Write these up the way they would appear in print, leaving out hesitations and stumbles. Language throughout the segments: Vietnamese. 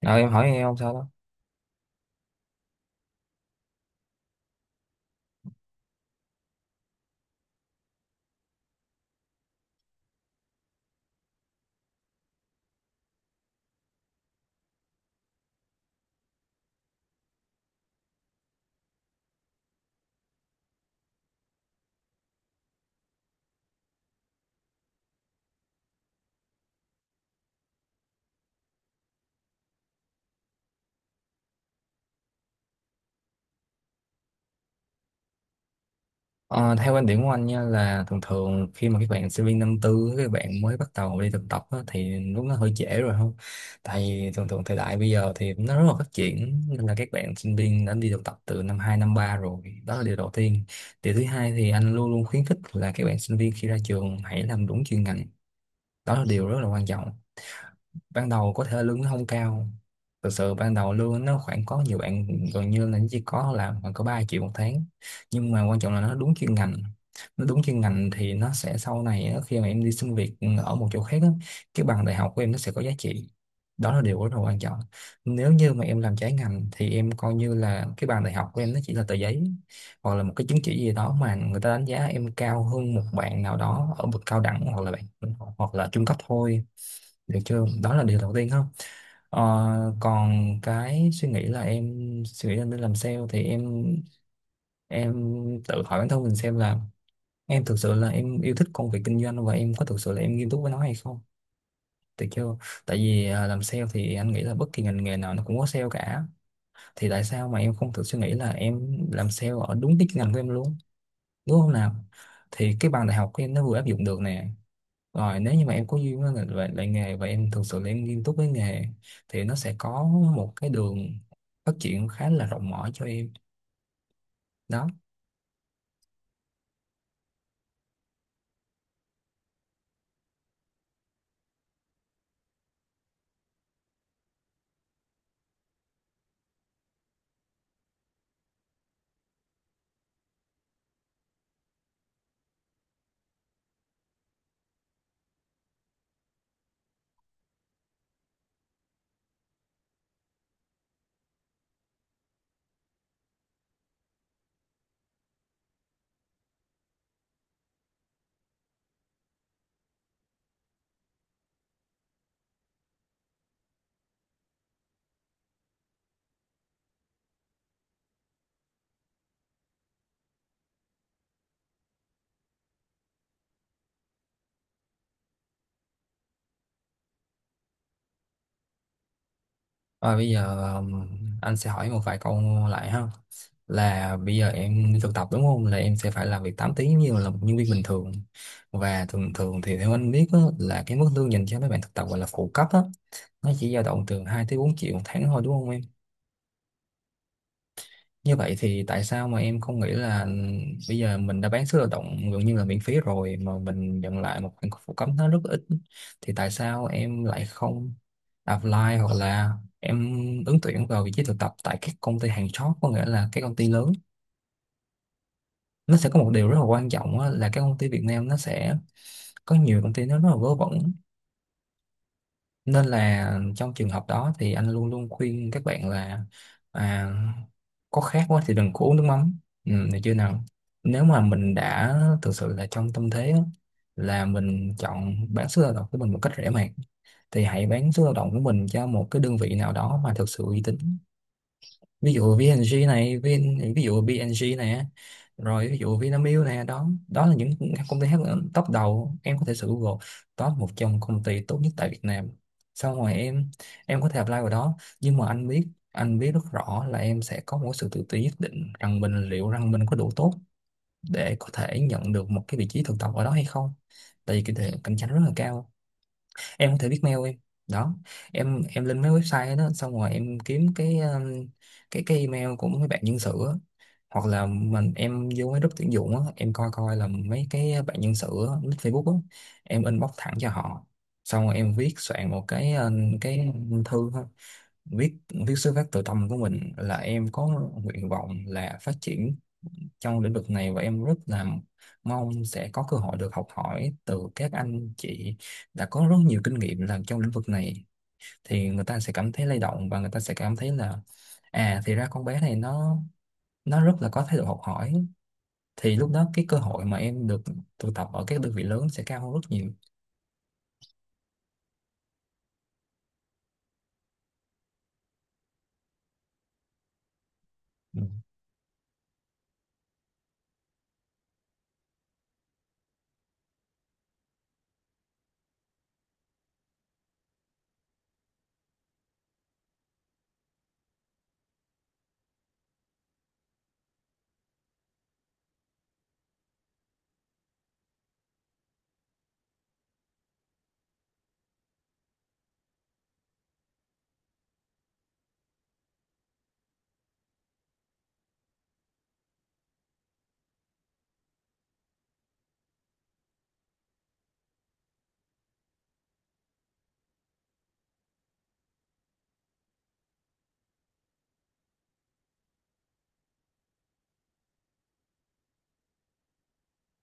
Ờ, em hỏi em không sao đó. Ờ, theo quan điểm của anh nha, là thường thường khi mà các bạn sinh viên năm tư, các bạn mới bắt đầu đi thực tập á, thì lúc nó hơi trễ rồi, không? Tại vì thường thường thời đại bây giờ thì nó rất là phát triển, nên là các bạn sinh viên đã đi thực tập từ năm hai, năm 3 rồi. Đó là điều đầu tiên. Điều thứ hai thì anh luôn luôn khuyến khích là các bạn sinh viên khi ra trường hãy làm đúng chuyên ngành. Đó là điều rất là quan trọng. Ban đầu có thể lương nó không cao, thực sự ban đầu lương nó khoảng, có nhiều bạn gần như là nó chỉ có là khoảng có 3 triệu một tháng, nhưng mà quan trọng là nó đúng chuyên ngành. Nó đúng chuyên ngành thì nó sẽ sau này á, khi mà em đi xin việc ở một chỗ khác á, cái bằng đại học của em nó sẽ có giá trị. Đó là điều rất là quan trọng. Nếu như mà em làm trái ngành thì em coi như là cái bằng đại học của em nó chỉ là tờ giấy, hoặc là một cái chứng chỉ gì đó mà người ta đánh giá em cao hơn một bạn nào đó ở bậc cao đẳng, hoặc là bạn hoặc là trung cấp thôi. Được chưa? Đó là điều đầu tiên, không? Ờ, còn cái suy nghĩ là em suy nghĩ là nên làm sale, thì em tự hỏi bản thân mình xem là em thực sự là em yêu thích công việc kinh doanh và em có thực sự là em nghiêm túc với nó hay không. Được chưa? Tại vì làm sale thì anh nghĩ là bất kỳ ngành nghề nào nó cũng có sale cả. Thì tại sao mà em không thử suy nghĩ là em làm sale ở đúng cái ngành của em luôn, đúng không nào? Thì cái bằng đại học của em nó vừa áp dụng được nè. Rồi nếu như mà em có duyên với lại nghề và em thực sự là em nghiêm túc với nghề, thì nó sẽ có một cái đường phát triển khá là rộng mở cho em đó. Rồi bây giờ anh sẽ hỏi một vài câu lại ha. Là bây giờ em đi thực tập đúng không? Là em sẽ phải làm việc 8 tiếng như là một nhân viên bình thường. Và thường thường thì theo anh biết á, là cái mức lương dành cho mấy bạn thực tập gọi là phụ cấp á, nó chỉ dao động từ 2 tới 4 triệu một tháng thôi, đúng không em? Như vậy thì tại sao mà em không nghĩ là ừ, bây giờ mình đã bán sức lao động gần như là miễn phí rồi mà mình nhận lại một khoản phụ cấp nó rất ít, thì tại sao em lại không apply, hoặc là em ứng tuyển vào vị trí thực tập tại các công ty hàng chót, có nghĩa là các công ty lớn. Nó sẽ có một điều rất là quan trọng á, là các công ty Việt Nam nó sẽ có nhiều công ty nó rất là vớ vẩn, nên là trong trường hợp đó thì anh luôn luôn khuyên các bạn là à, có khát quá thì đừng có uống nước mắm, ừ, được chưa nào? Nếu mà mình đã thực sự là trong tâm thế á, là mình chọn bán sức lao động của mình một cách rẻ mạt, thì hãy bán sức lao động của mình cho một cái đơn vị nào đó mà thực sự uy tín. Ví dụ VNG này, rồi ví dụ Vinamilk này, đó đó là những công ty hát top đầu. Em có thể sử Google top một trong công ty tốt nhất tại Việt Nam, xong rồi em có thể apply vào đó. Nhưng mà anh biết rất rõ là em sẽ có một sự tự ti nhất định rằng mình, liệu rằng mình có đủ tốt để có thể nhận được một cái vị trí thực tập ở đó hay không, tại vì cái cạnh tranh rất là cao. Em có thể viết mail em đó, em lên mấy website đó xong rồi em kiếm cái email của mấy bạn nhân sự á. Hoặc là mình em vô mấy group tuyển dụng á, em coi coi là mấy cái bạn nhân sự á, list Facebook á, em inbox thẳng cho họ. Xong rồi em viết soạn một cái cái thư thôi. Viết viết xuất phát từ tâm của mình là em có nguyện vọng là phát triển trong lĩnh vực này và em rất là mong sẽ có cơ hội được học hỏi từ các anh chị đã có rất nhiều kinh nghiệm làm trong lĩnh vực này, thì người ta sẽ cảm thấy lay động và người ta sẽ cảm thấy là à thì ra con bé này nó rất là có thái độ học hỏi. Thì lúc đó cái cơ hội mà em được tụ tập ở các đơn vị lớn sẽ cao hơn rất nhiều, ừ.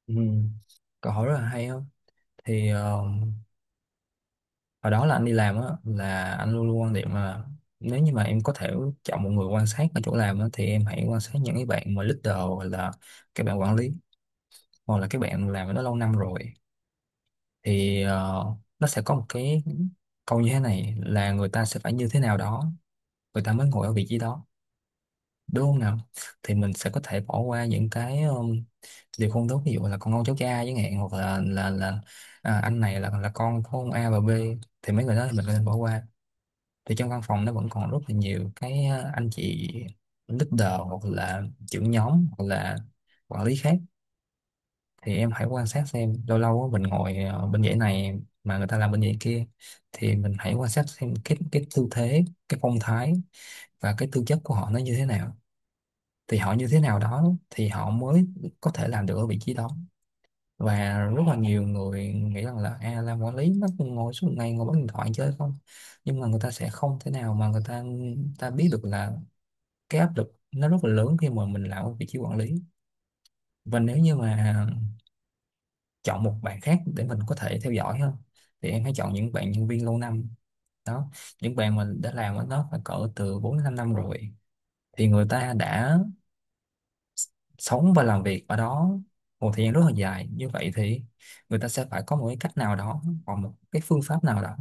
Ừ. Câu hỏi rất là hay không? Thì ờ, hồi đó là anh đi làm á, là anh luôn luôn quan điểm là nếu như mà em có thể chọn một người quan sát ở chỗ làm á, thì em hãy quan sát những cái bạn mà leader hoặc là các bạn quản lý, hoặc là các bạn làm ở đó lâu năm rồi. Thì ờ, nó sẽ có một cái câu như thế này là người ta sẽ phải như thế nào đó người ta mới ngồi ở vị trí đó, đúng không nào? Thì mình sẽ có thể bỏ qua những cái điều không tốt, ví dụ là con ông cháu cha chẳng hạn, hoặc là là à, anh này là con của ông A và B, thì mấy người đó thì mình có nên bỏ qua. Thì trong văn phòng nó vẫn còn rất là nhiều cái ờ, anh chị leader hoặc là trưởng nhóm hoặc là quản lý khác, thì em hãy quan sát xem lâu lâu á, mình ngồi ờ, bên dãy này mà người ta làm bên dãy kia, thì mình hãy quan sát xem cái tư thế, cái phong thái và cái tư chất của họ nó như thế nào. Thì họ như thế nào đó thì họ mới có thể làm được ở vị trí đó. Và rất là nhiều người nghĩ rằng là à, làm quản lý nó cũng ngồi suốt ngày ngồi bấm điện thoại chơi không, nhưng mà người ta sẽ không thể nào mà người ta ta biết được là cái áp lực nó rất là lớn khi mà mình làm ở vị trí quản lý. Và nếu như mà chọn một bạn khác để mình có thể theo dõi hơn, thì em hãy chọn những bạn nhân viên lâu năm đó, những bạn mình đã làm ở đó phải cỡ từ 4 đến 5 năm rồi, thì người ta đã sống và làm việc ở đó một thời gian rất là dài như vậy, thì người ta sẽ phải có một cái cách nào đó, hoặc một cái phương pháp nào đó,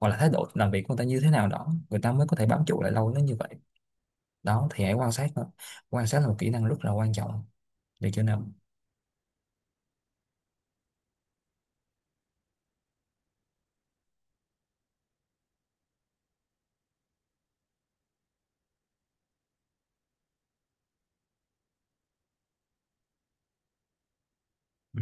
hoặc là thái độ làm việc của người ta như thế nào đó, người ta mới có thể bám trụ lại lâu đến như vậy. Đó, thì hãy quan sát thôi. Quan sát là một kỹ năng rất là quan trọng, để cho nên. Ừ.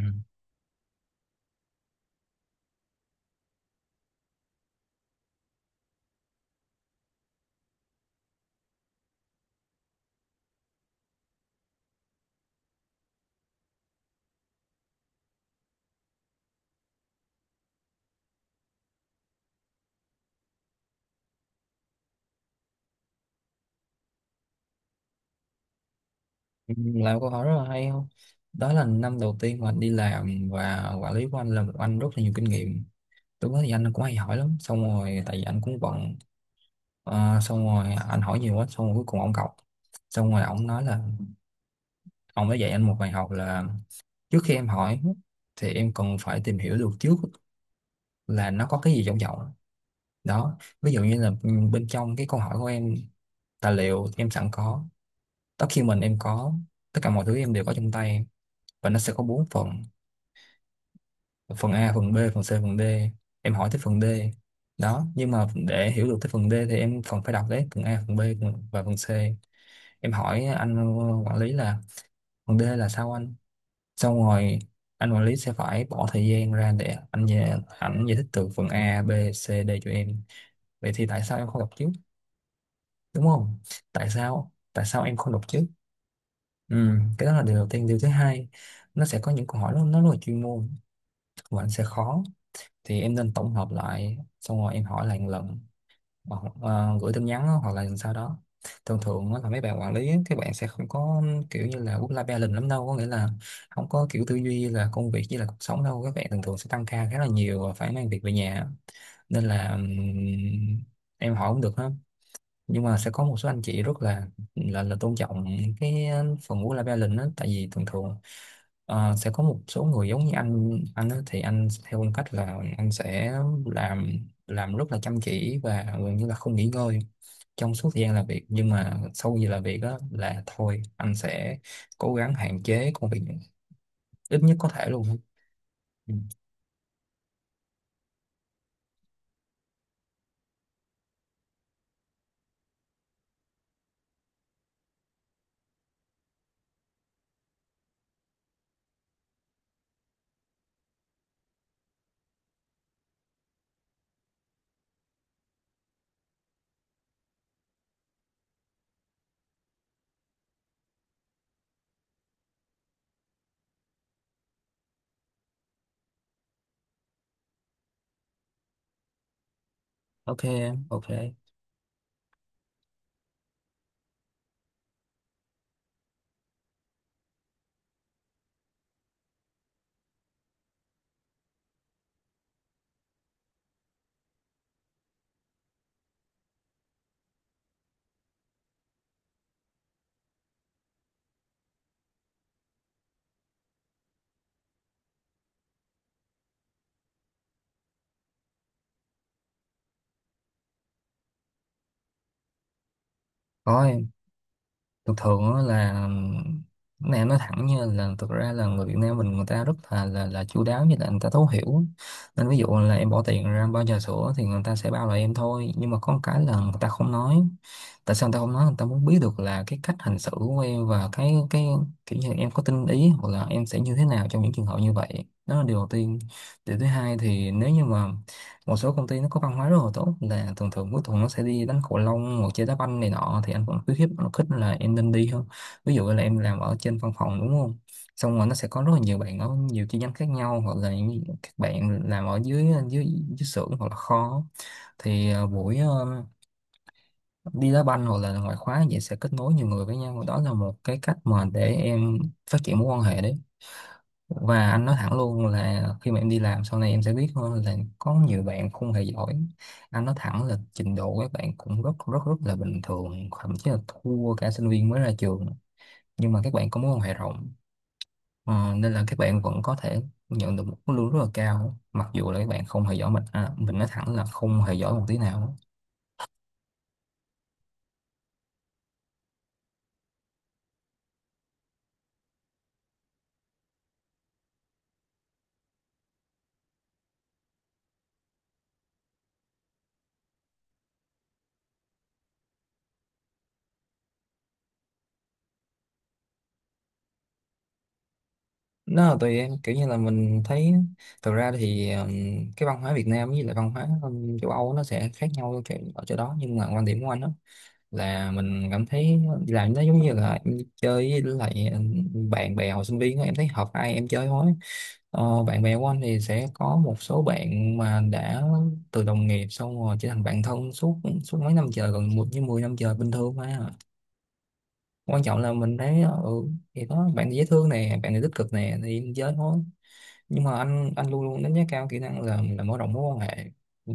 Ừ, làm câu hỏi rất là hay không? Đó là năm đầu tiên mà anh đi làm và quản lý của anh là một anh rất là nhiều kinh nghiệm. Lúc đó thì anh cũng hay hỏi lắm, xong rồi tại vì anh cũng bận. Ờ, xong rồi anh hỏi nhiều quá, xong rồi cuối cùng ông cọc. Xong rồi ông nói là, ông đã dạy anh một bài học là trước khi em hỏi thì em cần phải tìm hiểu được trước là nó có cái gì trong giọng. Đó. Ví dụ như là bên trong cái câu hỏi của em, tài liệu em sẵn có, document em có, tất cả mọi thứ em đều có trong tay, và nó sẽ có bốn phần: phần A, phần B, phần C, phần D. Em hỏi tới phần D đó, nhưng mà để hiểu được tới phần D thì em phần phải đọc đấy phần A, phần B, và phần C. Em hỏi anh quản lý là phần D là sao anh. Xong rồi anh quản lý sẽ phải bỏ thời gian ra để anh giải thích từ phần A, B, C, D cho em. Vậy thì tại sao em không đọc trước, đúng không? Tại sao em không đọc trước? ừ, cái đó là điều đầu tiên. Điều thứ hai, nó sẽ có những câu hỏi nó rất là chuyên môn và anh sẽ khó, thì em nên tổng hợp lại xong rồi em hỏi lại một lần, hoặc gửi tin nhắn á, hoặc là sau đó. Thường thường á là mấy bạn quản lý á, các bạn sẽ không có kiểu như là work life balance lắm đâu, có nghĩa là không có kiểu tư duy là công việc với là cuộc sống đâu, các bạn thường thường sẽ tăng ca khá là nhiều và phải mang việc về nhà. Nên là em hỏi cũng được ha, nhưng mà sẽ có một số anh chị rất là là tôn trọng cái phần work life balance đó, tại vì thường thường sẽ có một số người giống như anh á, thì anh theo phong cách là anh sẽ làm rất là chăm chỉ và gần như là không nghỉ ngơi trong suốt thời gian làm việc, nhưng mà sau giờ làm việc đó là thôi anh sẽ cố gắng hạn chế công việc ít nhất có thể luôn. Ừ. Ok. Ok. Rồi, thường thường á là, cái này em nói thẳng nha, là thực ra là người Việt Nam mình người ta rất là là chu đáo, như là người ta thấu hiểu, nên ví dụ là em bỏ tiền ra bao trà sữa thì người ta sẽ bao lại em thôi. Nhưng mà có một cái là người ta không nói. Tại sao tao không nói? Tao muốn biết được là cái cách hành xử của em và cái kiểu như em có tinh ý hoặc là em sẽ như thế nào trong những trường hợp như vậy. Đó là điều đầu tiên. Điều thứ hai thì nếu như mà một số công ty nó có văn hóa rất là tốt, là thường thường cuối tuần nó sẽ đi đánh cầu lông hoặc chơi đá banh này nọ, thì anh vẫn khuyến khích là em nên đi hơn. Ví dụ là em làm ở trên văn phòng, đúng không, xong rồi nó sẽ có rất là nhiều bạn ở nhiều chi nhánh khác nhau, hoặc là các bạn làm ở dưới dưới dưới xưởng hoặc là kho, thì buổi đi đá banh hoặc là ngoại khóa vậy sẽ kết nối nhiều người với nhau. Đó là một cái cách mà để em phát triển mối quan hệ đấy. Và anh nói thẳng luôn là khi mà em đi làm sau này em sẽ biết hơn, là có nhiều bạn không hề giỏi. Anh nói thẳng là trình độ các bạn cũng rất rất rất là bình thường, thậm chí là thua cả sinh viên mới ra trường, nhưng mà các bạn có mối quan hệ rộng. Ờ, Nên là các bạn vẫn có thể nhận được một mức lương rất là cao, mặc dù là các bạn không hề giỏi. Mình à, mình nói thẳng là không hề giỏi một tí nào. Nó là tùy em, kiểu như là mình thấy thực ra thì cái văn hóa Việt Nam với lại văn hóa châu Âu nó sẽ khác nhau ở chỗ đó. Nhưng mà quan điểm của anh đó là mình cảm thấy đi làm nó giống như là em đi chơi với lại bạn bè hồi sinh viên á, em thấy hợp ai em chơi thôi. Bạn bè của anh thì sẽ có một số bạn mà đã từ đồng nghiệp xong rồi trở thành bạn thân, suốt suốt mấy năm trời, gần một với mười năm trời bình thường mà. Quan trọng là mình thấy thì có bạn này dễ thương nè, bạn này tích cực nè, thì em chơi thôi. Nhưng mà anh luôn luôn đánh giá cao kỹ năng là mở rộng mối quan hệ. Ừ.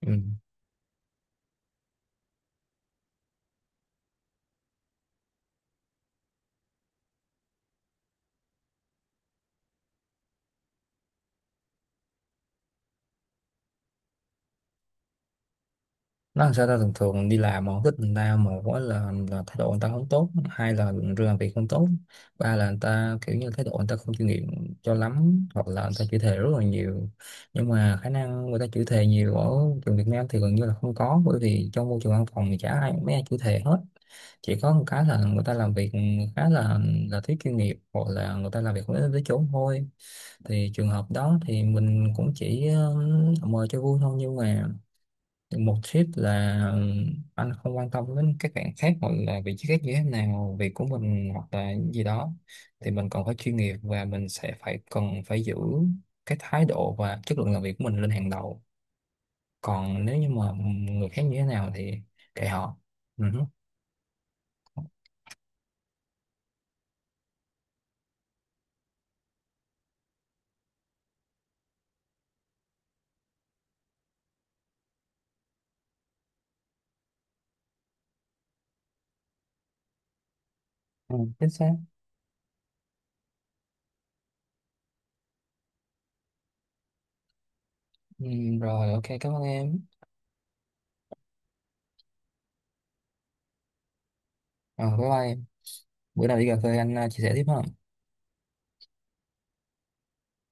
Ừ. Nó làm sao ta, thường thường đi làm mà không thích người ta, một á là thái độ người ta không tốt, hai là làm việc không tốt, ba là người ta kiểu như thái độ người ta không chuyên nghiệp cho lắm, hoặc là người ta chửi thề rất là nhiều. Nhưng mà khả năng người ta chửi thề nhiều ở trường Việt Nam thì gần như là không có, bởi vì trong môi trường văn phòng thì chả ai mấy ai chửi thề hết. Chỉ có một cái là người ta làm việc khá là thiếu chuyên nghiệp, hoặc là người ta làm việc không đến tới chốn thôi. Thì trường hợp đó thì mình cũng chỉ mời cho vui thôi. Nhưng mà một tip là, anh không quan tâm đến các bạn khác hoặc là vị trí khác như thế nào, việc của mình hoặc là gì đó, thì mình còn phải chuyên nghiệp và mình sẽ phải cần phải giữ cái thái độ và chất lượng làm việc của mình lên hàng đầu. Còn nếu như mà người khác như thế nào thì kệ họ. Ừ. Ừ, chính xác. Ừ, rồi, ok, cảm ơn em. Ờ, bye bye. Bữa nào đi cà phê anh chia sẻ tiếp ha.